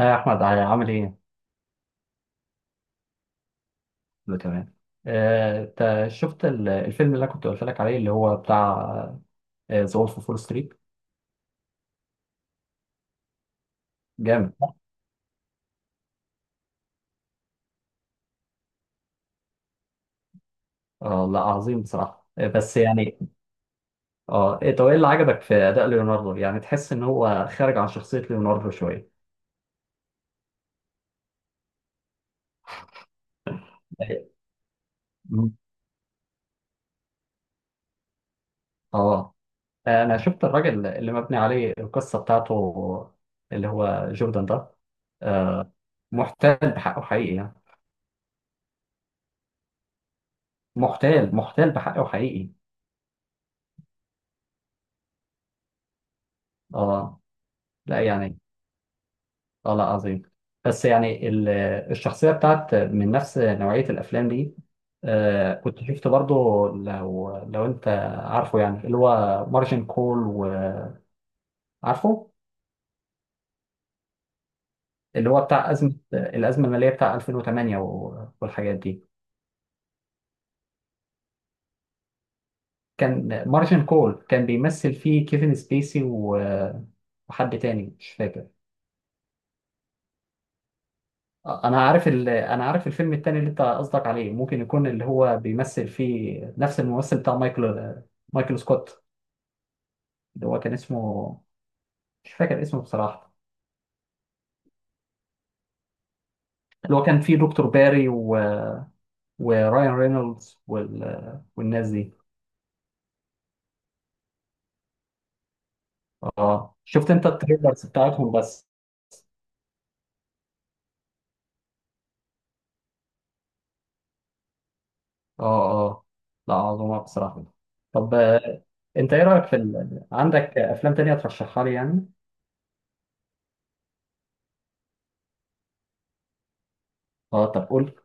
يا احمد، عامل ايه؟ ده تمام. انت شفت الفيلم اللي انا كنت قلت لك عليه، اللي هو بتاع ذا وولف اوف فول ستريت. جامد. آه لا، عظيم بصراحه، بس يعني. اه طب ايه اللي عجبك في اداء ليوناردو؟ يعني تحس ان هو خارج عن شخصيه ليوناردو شويه. مم. اه، انا شفت الراجل اللي مبني عليه القصه بتاعته، اللي هو جوردن ده. آه، محتال بحقه حقيقي يعني. محتال محتال بحقه حقيقي. اه لا يعني. اه لا، عظيم. بس يعني الشخصية بتاعت من نفس نوعية الأفلام دي. آه، كنت شفت برضو، لو أنت عارفه، يعني اللي هو مارجن كول، وعارفه اللي هو بتاع الأزمة المالية بتاع 2008 والحاجات دي. كان مارجن كول كان بيمثل فيه كيفن سبيسي وحد تاني مش فاكر. أنا عارف الفيلم التاني اللي أنت قصدك عليه، ممكن يكون اللي هو بيمثل فيه نفس الممثل بتاع مايكل سكوت، اللي هو كان اسمه، مش فاكر اسمه بصراحة، اللي هو كان فيه دكتور باري وراين رينولدز والناس دي. اه، شفت انت التريلرز بتاعتهم بس. اه. اه لا، عظمة بصراحة. طب انت ايه رأيك في عندك افلام تانية ترشحها لي يعني؟ اه طب قول.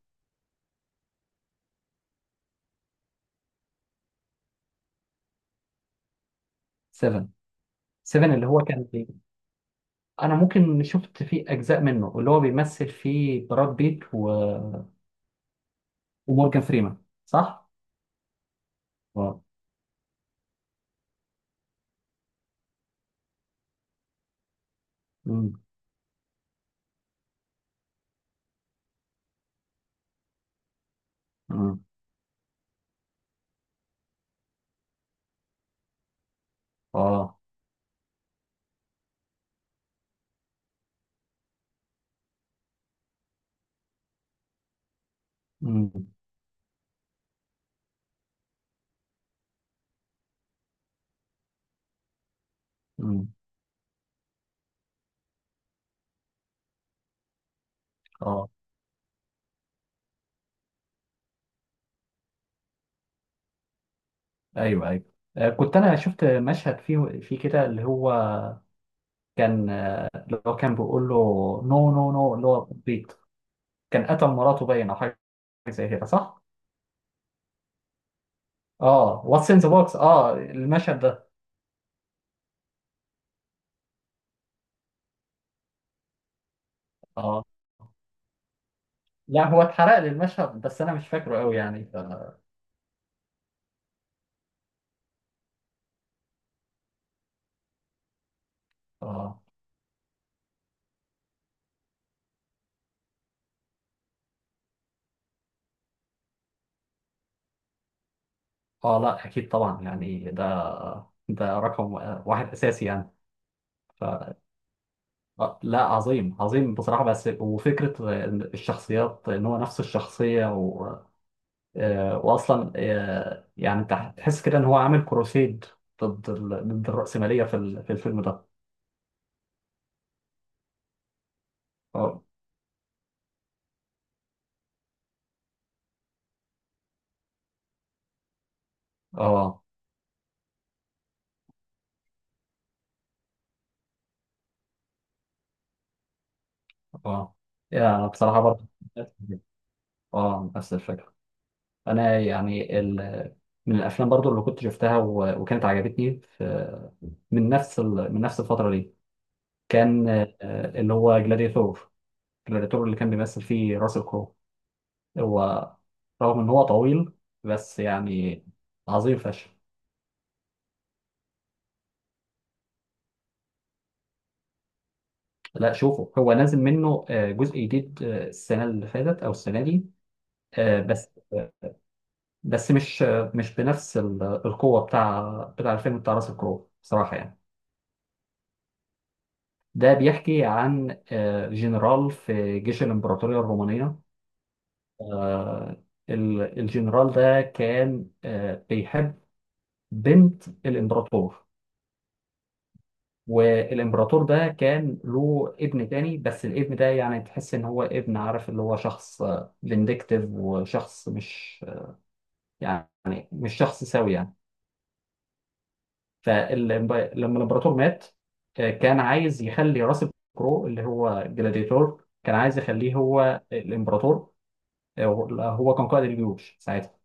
7. 7 اللي هو كان فيه. انا ممكن شفت فيه اجزاء منه، اللي هو بيمثل فيه براد بيت ومورجان فريمان، صح؟ اه. امم. امم. اه. امم. اه. ايوه ايوه. كنت انا شفت مشهد فيه في كده، اللي هو كان، اللي هو كان بيقول له نو نو نو، اللي هو بيت كان قتل مراته باين او حاجه زي كده، صح؟ اه، واتس ان ذا بوكس، اه المشهد ده. اه لا، هو اتحرق لي المشهد، بس انا مش فاكره قوي يعني اه. اه لا اكيد طبعا، يعني ده ده رقم واحد اساسي يعني. ف... لا عظيم عظيم بصراحه، بس وفكره الشخصيات ان هو نفس الشخصيه. واصلا يعني انت هتحس كده ان هو عامل كروسيد ضد ضد الرأسمالية في في الفيلم ده. اه اه اه. يعني أنا بصراحة برضه، اه، نفس الفكرة. انا يعني من الافلام برضه اللي كنت شفتها وكانت عجبتني من نفس من نفس الفترة دي، كان اللي هو جلاديتور. جلاديتور اللي كان بيمثل فيه راسل كرو، هو رغم ان هو طويل، بس يعني عظيم فشخ. لا شوفوا، هو نازل منه جزء جديد، السنة اللي فاتت أو السنة دي. بس بس مش بنفس القوة بتاع بتاع الفيلم بتاع راس الكرو بصراحة يعني. ده بيحكي عن جنرال في جيش الإمبراطورية الرومانية. آه، الجنرال ده كان بيحب بنت الإمبراطور. والإمبراطور ده كان له ابن تاني، بس الابن ده يعني تحس إن هو ابن، عارف، اللي هو شخص فينديكتيف، وشخص مش، يعني، مش شخص سوي يعني. فلما الامبراطور مات، كان عايز يخلي راسل كرو اللي هو جلاديتور، كان عايز يخليه هو الامبراطور. آه، هو كان قائد الجيوش ساعتها.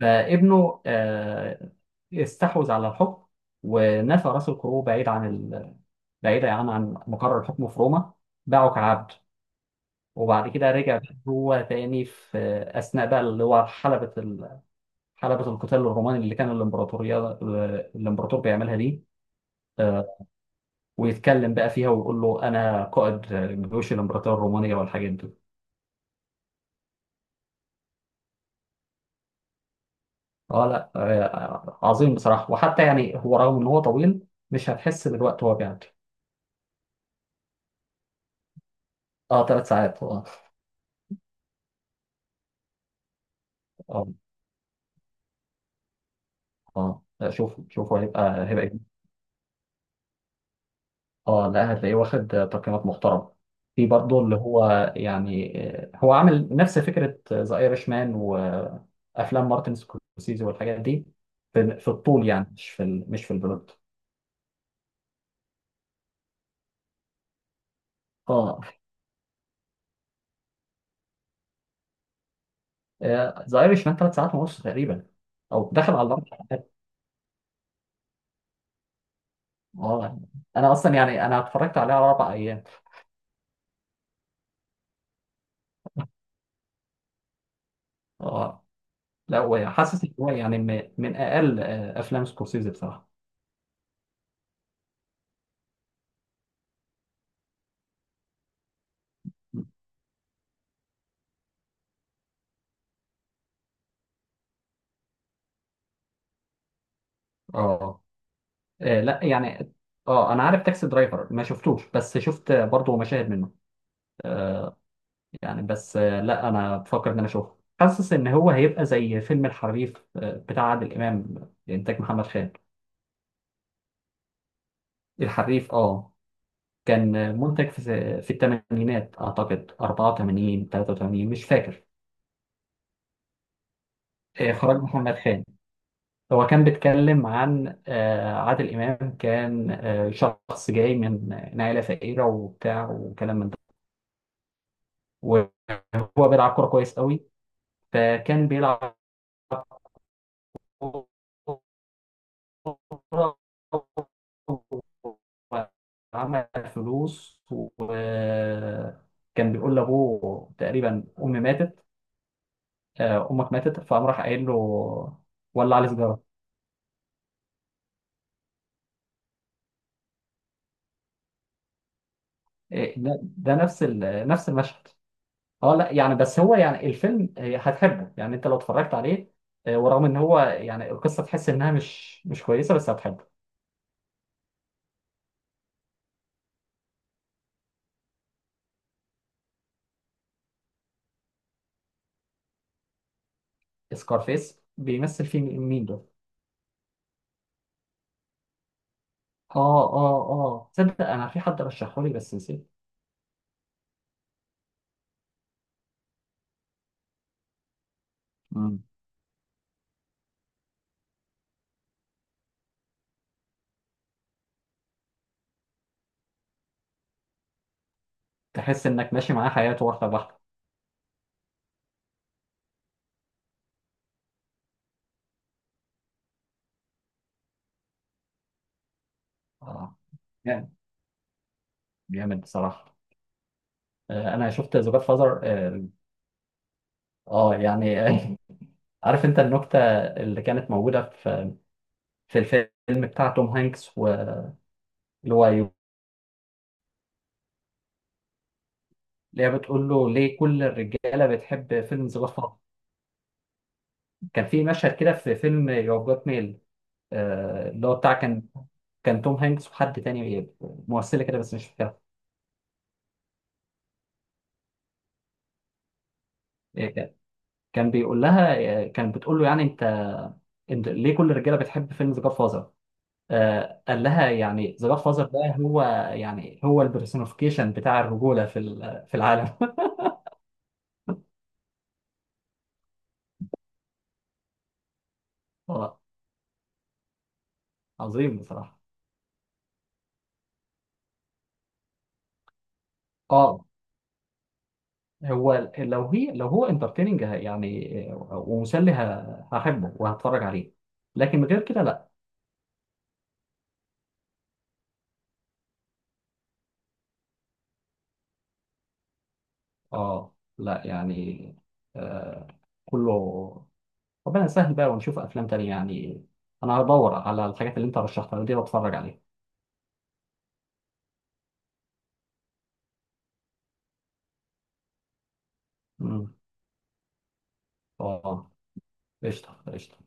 فابنه استحوذ على الحكم، ونفى راسل كرو بعيد عن بعيد يعني عن مقر الحكم في روما، باعه كعبد. وبعد كده رجع هو تاني في أثناء بقى اللي هو حلبة القتال الروماني اللي كان الإمبراطور بيعملها دي. آه، ويتكلم بقى فيها ويقول له أنا قائد جيوش الإمبراطورية الرومانية والحاجات دي. أه لا عظيم بصراحة. وحتى يعني هو رغم إن هو طويل، مش هتحس بالوقت وهو بيعدي. أه، ثلاث ساعات، أه. أه أه لا، شوف شوف، هيبقى. اه لا، هتلاقيه واخد تقييمات محترمه. في برضه اللي هو يعني هو عامل نفس فكره ذا ايرش مان وافلام مارتن سكورسيزي والحاجات دي، في الطول، يعني مش في ال... مش في البلوت. اه، ذا ايرش مان ثلاث ساعات ونص تقريبا، او داخل على الاربع. اه، انا اصلا يعني انا اتفرجت عليه على اربع ايام. اه لا، وحاسس ان هو يعني من اقل افلام سكورسيزي بصراحه. اه. آه لا يعني. اه انا عارف تاكسي درايفر، ما شفتوش، بس شفت برضه مشاهد منه. آه، يعني بس آه لا، انا بفكر ان انا اشوفه. حاسس ان هو هيبقى زي فيلم الحريف، بتاع عادل امام، انتاج محمد خان. الحريف، اه، كان منتج في الثمانينات، اعتقد 84 83، مش فاكر. اخراج محمد خان. هو كان بيتكلم عن عادل امام، كان شخص جاي من عائله فقيره وبتاع وكلام من ده. وهو بيلعب كرة كويس قوي، فكان بيلعب كرة وعمل فلوس. وكان بيقول لأبوه تقريبا، أمي ماتت، أمك ماتت. فقام راح قايل له، ولع لي سيجارة. إيه، ده نفس نفس المشهد. اه لا يعني، بس هو يعني الفيلم هتحبه يعني انت لو اتفرجت عليه. ورغم ان هو يعني القصة تحس انها مش كويسة، بس هتحبه. سكارفيس بيمثل فيه مين ده؟ اه اه اه، تصدق انا في حد رشحه لي بس نسيت. مم. تحس انك ماشي معاه حياته واحده بواحده. اه. جامد. جامد بصراحه. آه، انا شفت ذا جاد فازر، اه. آه، يعني آه عارف انت النكته اللي كانت موجوده في الفيلم بتاع توم هانكس، واللي هو يو، اللي هي بتقول له، ليه كل الرجاله بتحب فيلم ذا جاد فازر؟ كان في مشهد كده في فيلم يو جاد ميل. اللي هو بتاع كان توم هانكس وحد تاني، ممثله كده بس مش فاكرها. إيه، كان بيقول لها، كان بتقول له يعني انت ليه كل الرجاله بتحب فيلم ذا جاد فازر؟ قال لها، يعني ذا جاد فازر ده هو، يعني هو البرسونيفيكيشن بتاع الرجوله في في العالم. آه، عظيم بصراحه. اه، لو هو انترتيننج، يعني ومسلي، هحبه وهتفرج عليه. لكن غير كده لا. اه لا يعني. آه، كله ربنا يسهل بقى، ونشوف افلام تانية يعني. انا هدور على الحاجات اللي انت رشحتها لي دي واتفرج عليها. امم. اه. قشطه قشطه.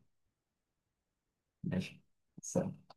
ماشي. سلام.